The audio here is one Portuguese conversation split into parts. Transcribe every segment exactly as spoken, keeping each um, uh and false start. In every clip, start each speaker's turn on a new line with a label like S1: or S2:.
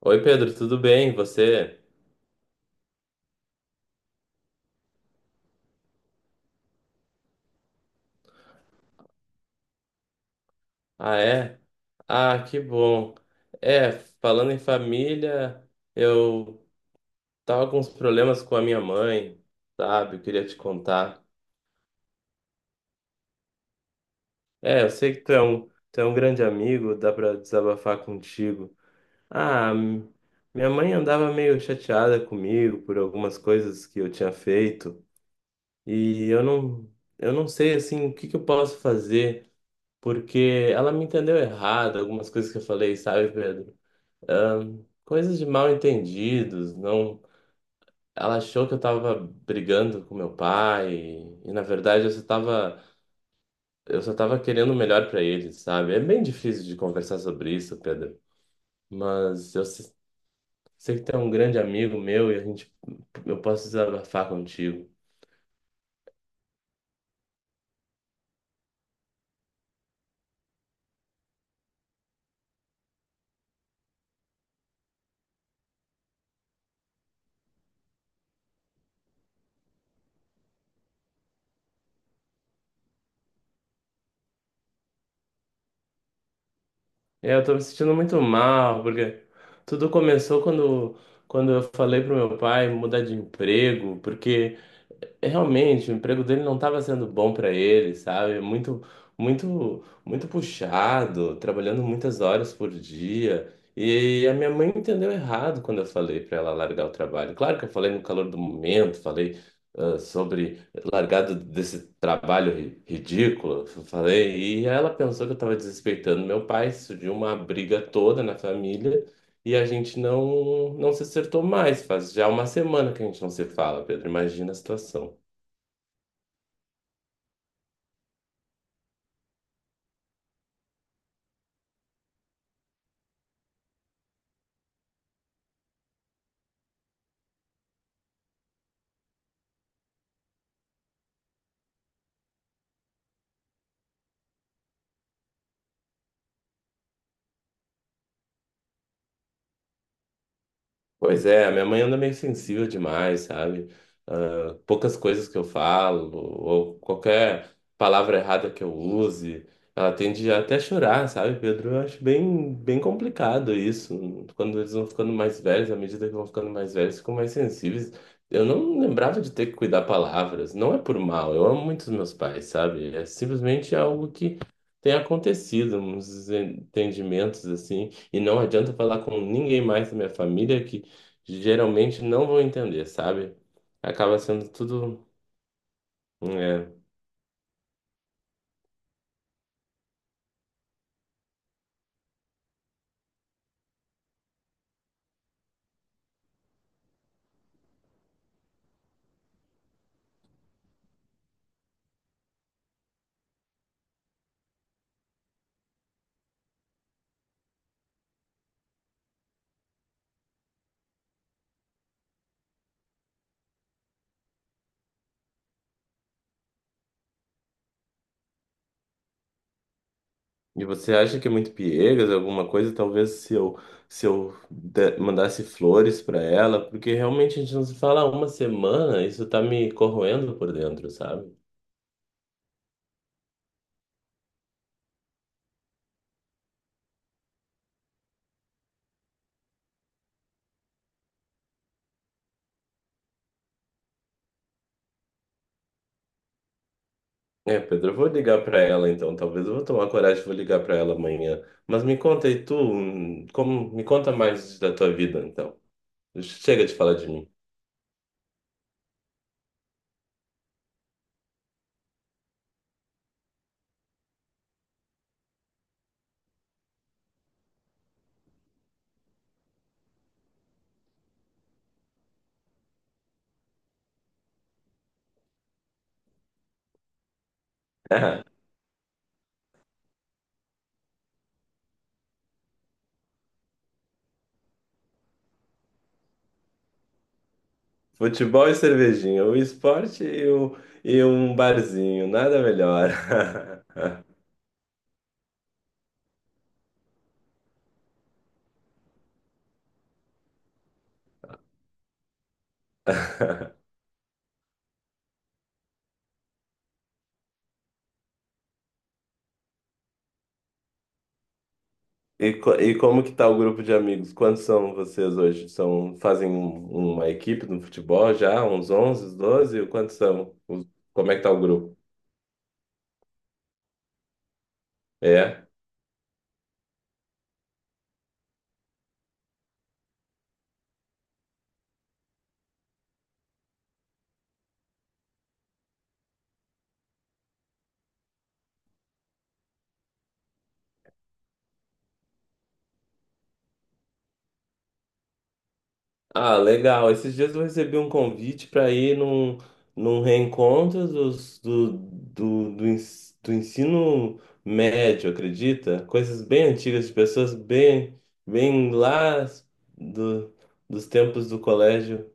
S1: Oi, Pedro, tudo bem? Você? Ah, é? Ah, que bom. É, falando em família, eu tava com uns problemas com a minha mãe, sabe? Eu queria te contar. É, eu sei que tu é um, tu é um grande amigo, dá pra desabafar contigo. Ah, m- Minha mãe andava meio chateada comigo por algumas coisas que eu tinha feito e eu não, eu não sei, assim, o que que eu posso fazer. Porque ela me entendeu errado, algumas coisas que eu falei, sabe, Pedro? Ahn, coisas de mal entendidos, não. Ela achou que eu tava brigando com meu pai e, na verdade eu só tava, eu só tava querendo o melhor pra ele, sabe? É bem difícil de conversar sobre isso, Pedro. Mas eu se- sei que tu é um grande amigo meu e a gente, eu posso desabafar contigo. É, eu tô me sentindo muito mal porque tudo começou quando, quando eu falei pro meu pai mudar de emprego, porque realmente o emprego dele não estava sendo bom para ele, sabe? Muito, muito, muito puxado, trabalhando muitas horas por dia. E a minha mãe entendeu errado quando eu falei para ela largar o trabalho. Claro que eu falei no calor do momento, falei ah, sobre largado desse trabalho ri- ridículo, falei, e ela pensou que eu estava desrespeitando meu pai, surgiu uma briga toda na família e a gente não não se acertou mais. Faz já uma semana que a gente não se fala, Pedro. Imagina a situação. Pois é, a minha mãe anda meio sensível demais, sabe? Ah, poucas coisas que eu falo, ou qualquer palavra errada que eu use, ela tende a até chorar, sabe, Pedro? Eu acho bem, bem complicado isso. Quando eles vão ficando mais velhos, à medida que vão ficando mais velhos, ficam mais sensíveis. Eu não lembrava de ter que cuidar palavras. Não é por mal, eu amo muito os meus pais, sabe? É simplesmente algo que tem acontecido, uns entendimentos assim. E não adianta falar com ninguém mais da minha família que geralmente não vão entender, sabe? Acaba sendo tudo. é, E você acha que é muito piegas, alguma coisa? Talvez se eu, se eu de- mandasse flores pra ela, porque realmente a gente não se fala há uma semana, isso tá me corroendo por dentro, sabe? É, Pedro, eu vou ligar pra ela então, talvez eu vou tomar coragem e vou ligar pra ela amanhã. Mas me conta aí tu, hum, como, me conta mais da tua vida então. Chega de falar de mim. Futebol e cervejinha, o esporte e, o, e um barzinho, nada melhor. E, co- e como que tá o grupo de amigos? Quantos são vocês hoje? São, fazem um- uma equipe no futebol já? Uns onze, doze? Quantos são? Os- como é que tá o grupo? É? Ah, legal. Esses dias eu recebi um convite para ir num, num reencontro dos, do, do, do, ens- do ensino médio, acredita? Coisas bem antigas, de pessoas bem, bem lá do, dos tempos do colégio.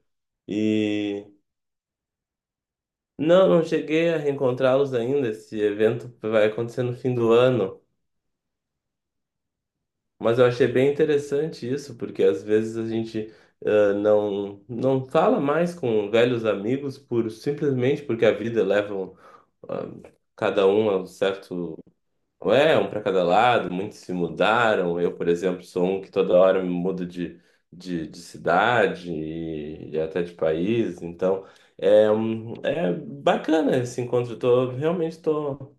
S1: E não, não cheguei a reencontrá-los ainda. Esse evento vai acontecer no fim do ano. Mas eu achei bem interessante isso, porque às vezes a gente ah, não, não fala mais com velhos amigos por simplesmente porque a vida leva um- ah, cada um a um certo. É, um para cada lado, muitos se mudaram. Eu, por exemplo, sou um que toda hora me mudo de, de, de cidade e, e até de país. Então, é, um- é bacana esse encontro. Eu tô, realmente estou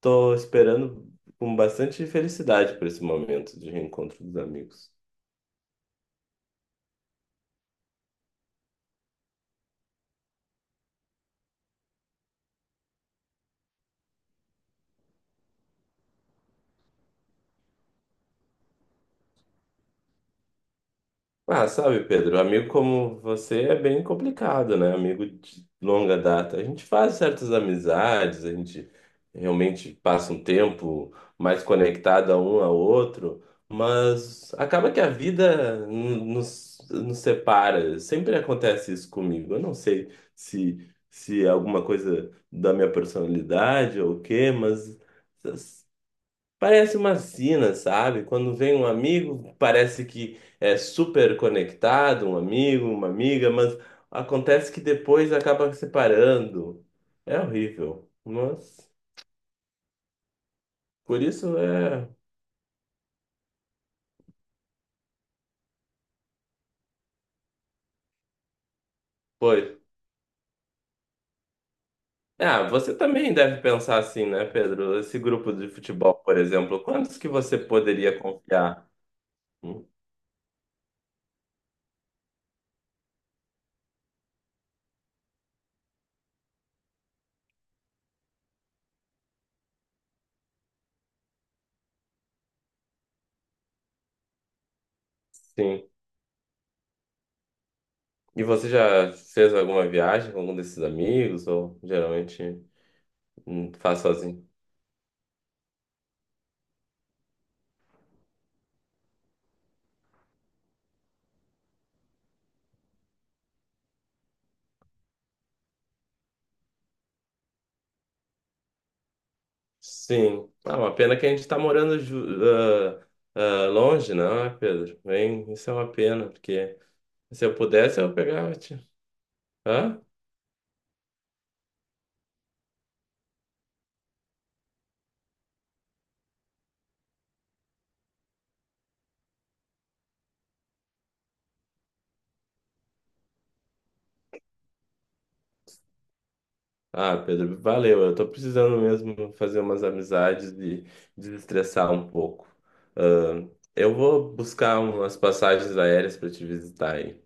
S1: Tô esperando com bastante felicidade por esse momento de reencontro dos amigos. Ah, sabe, Pedro, amigo como você é bem complicado, né? Amigo de longa data. A gente faz certas amizades, a gente realmente passa um tempo mais conectado a um ao outro, mas acaba que a vida n- nos, nos separa. Sempre acontece isso comigo. Eu não sei se, se é alguma coisa da minha personalidade ou o quê, mas. Parece uma sina, sabe? Quando vem um amigo, parece que é super conectado, um amigo, uma amiga, mas acontece que depois acaba se separando. É horrível. Mas por isso é. Pois. Ah, você também deve pensar assim, né, Pedro? Esse grupo de futebol, por exemplo, quantos que você poderia confiar? Hum. Sim. E você já fez alguma viagem com algum desses amigos? Ou geralmente hum, faz sozinho? Sim. Ah, uma pena que a gente está morando ju- ah, ah, longe, não é, Pedro? Bem, isso é uma pena, porque se eu pudesse, eu pegava. Te- Hã? Ah, Pedro, valeu. Eu tô precisando mesmo fazer umas amizades e desestressar um pouco. Ah, eu vou buscar umas passagens aéreas para te visitar aí.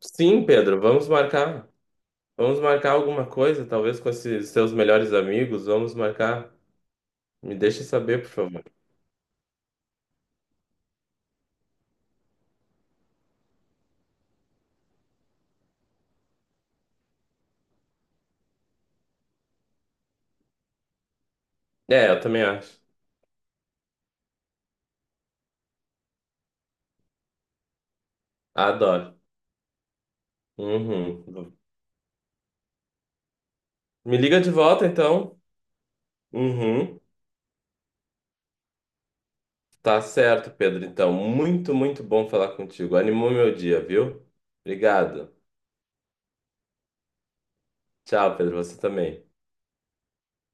S1: Sim, Pedro, vamos marcar. Vamos marcar alguma coisa, talvez com esses seus melhores amigos. Vamos marcar. Me deixa saber, por favor. É, eu também acho. Adoro. Uhum. Me liga de volta, então. Uhum. Tá certo, Pedro. Então, muito, muito bom falar contigo. Animou meu dia, viu? Obrigado. Tchau, Pedro. Você também.